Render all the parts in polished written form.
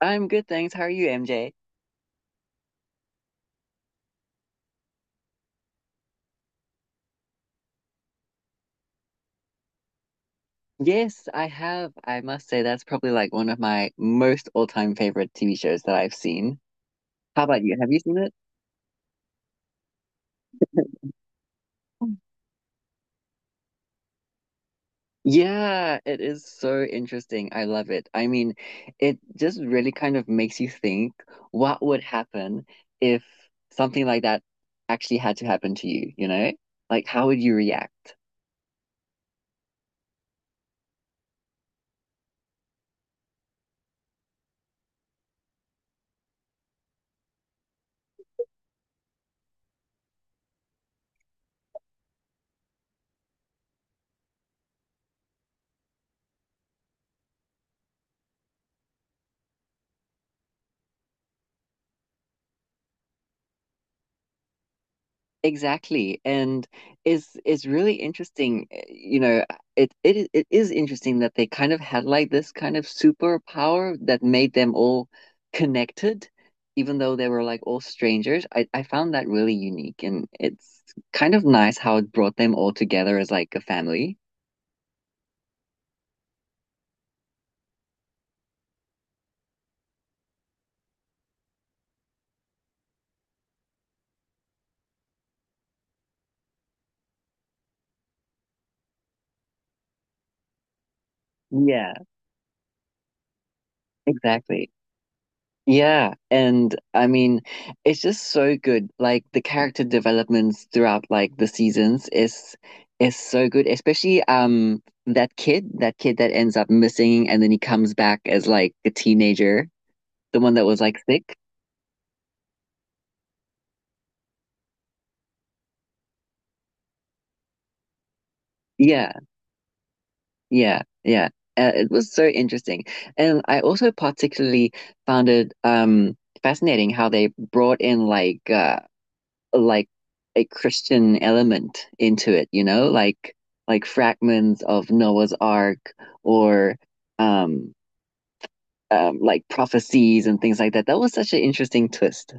I'm good, thanks. How are you, MJ? Yes, I have. I must say that's probably like one of my most all-time favorite TV shows that I've seen. How about you? Have you seen it? Yeah, it is so interesting. I love it. I mean, it just really kind of makes you think what would happen if something like that actually had to happen to you, you know? Like, how would you react? Exactly. And it's really interesting, it is interesting that they kind of had like this kind of superpower that made them all connected, even though they were like all strangers. I found that really unique, and it's kind of nice how it brought them all together as like a family. Yeah, exactly. Yeah, and I mean, it's just so good. Like the character developments throughout like the seasons is so good, especially that kid, that kid that ends up missing and then he comes back as like a teenager, the one that was like sick. Yeah, yeah, yeah. It was so interesting. And I also particularly found it fascinating how they brought in like like a Christian element into it, you know, like fragments of Noah's Ark or um, like prophecies and things like that. That was such an interesting twist.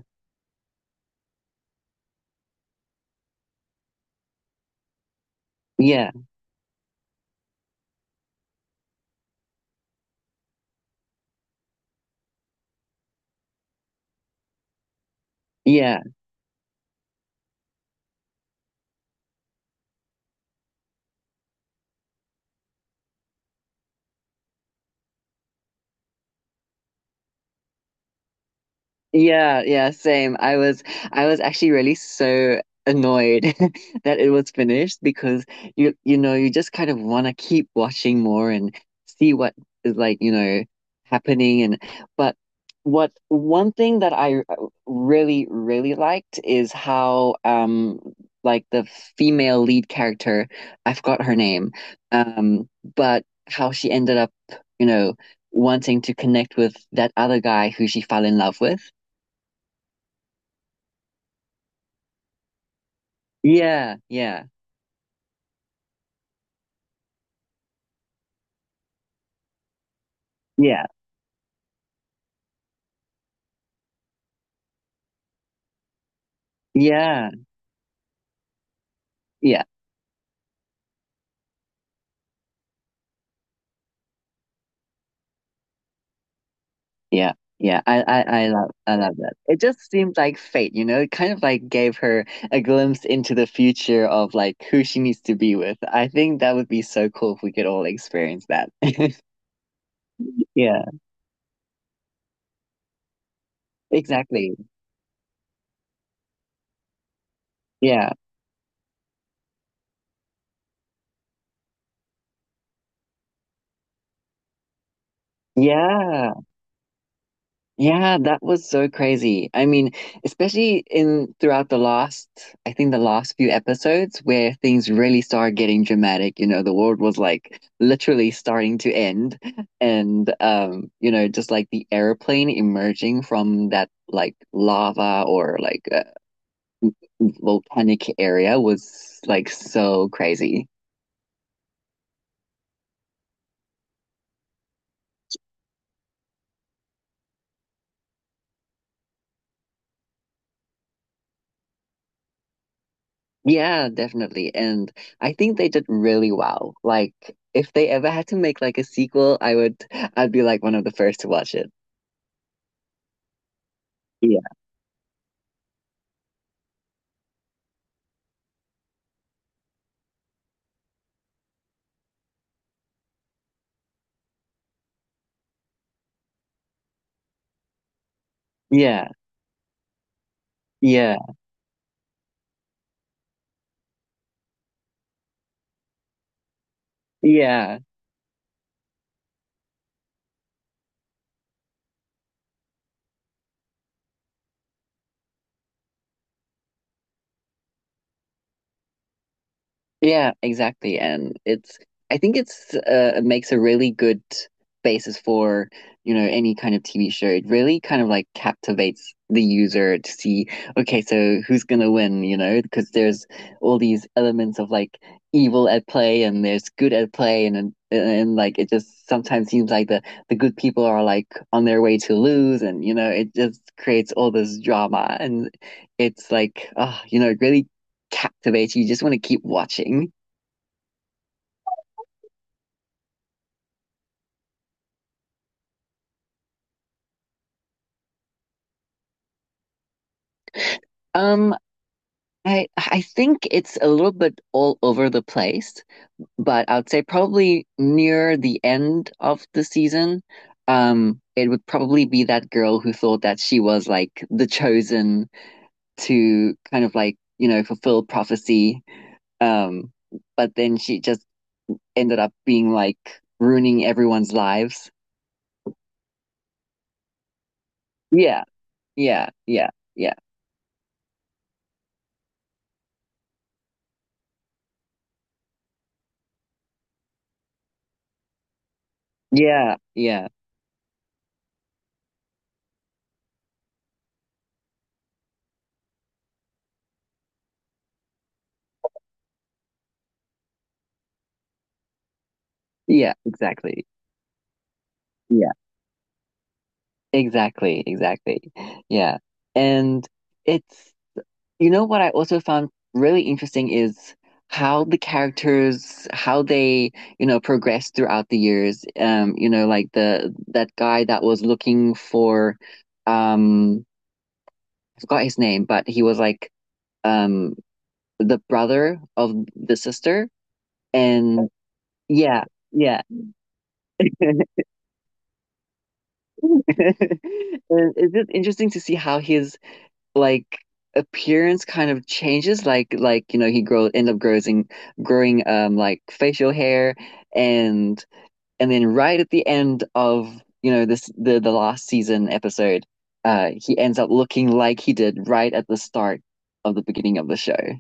Yeah, yeah. Yeah, yeah, same. I was actually really so annoyed that it was finished because you know, you just kind of want to keep watching more and see what is like, you know, happening and but What one thing that I really really liked is how the female lead character, I forgot her name, um but how she ended up, you know, wanting to connect with that other guy who she fell in love with. Yeah, yeah, yeah, yeah, yeah, yeah, yeah. I love, I love that. It just seemed like fate, you know. It kind of like gave her a glimpse into the future of like who she needs to be with. I think that would be so cool if we could all experience that. Yeah, exactly. Yeah, yeah. Yeah, that was so crazy. I mean, especially in throughout the last, I think the last few episodes where things really started getting dramatic, you know, the world was like literally starting to end and you know, just like the airplane emerging from that like lava or like volcanic area was like so crazy. Yeah, definitely. And I think they did really well. Like if they ever had to make like a sequel, I'd be like one of the first to watch it. Yeah. Yeah. Yeah. Yeah. Yeah, exactly. And I think it's, it makes a really good basis for, you know, any kind of TV show. It really kind of like captivates the user to see, okay, so who's gonna win, you know, because there's all these elements of like evil at play, and there's good at play, and like it just sometimes seems like the good people are like on their way to lose, and you know it just creates all this drama, and it's like ah, you know it really captivates you. You just want to keep watching. Um, I think it's a little bit all over the place, but I would say probably near the end of the season, it would probably be that girl who thought that she was like the chosen to kind of like, you know, fulfill prophecy. Um, but then she just ended up being like ruining everyone's lives. Yeah, yeah, yeah, yeah, yeah, yeah, yeah, exactly. Exactly, exactly. Yeah. And it's, you know, what I also found really interesting is how the characters, how they, you know, progress throughout the years. You know, like the that guy that was looking for, um, I forgot his name, but he was like, um, the brother of the sister. And yeah, yeah. And it's just interesting to see how his like appearance kind of changes, like you know he grow end up growing growing like facial hair, and and then right at the end of, you know, this the last season episode, he ends up looking like he did right at the start of the beginning of the show.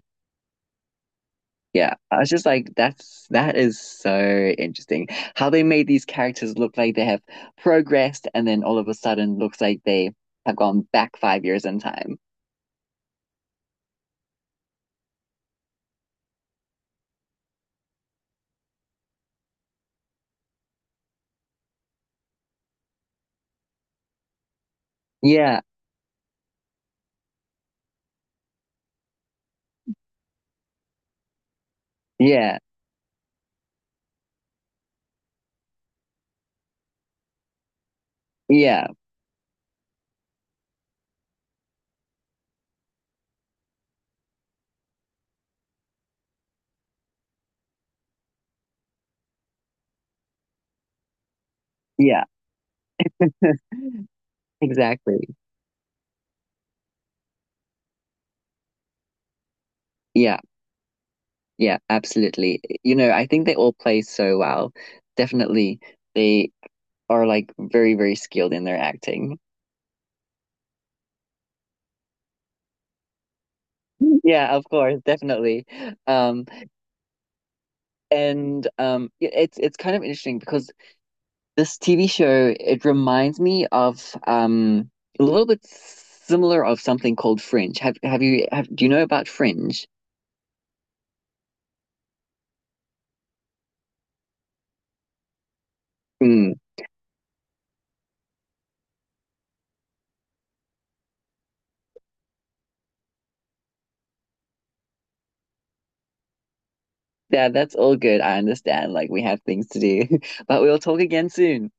Yeah, I was just like that is so interesting how they made these characters look like they have progressed and then all of a sudden looks like they have gone back 5 years in time. Yeah, yeah. Yeah, yeah, exactly. Yeah, yeah, absolutely. You know, I think they all play so well. Definitely, they are like very, very skilled in their acting. Yeah, of course, definitely. Um, and it's kind of interesting because this TV show it reminds me of a little bit similar of something called Fringe. Have you have do you know about Fringe? Mm, yeah, that's all good. I understand. Like we have things to do, but we'll talk again soon.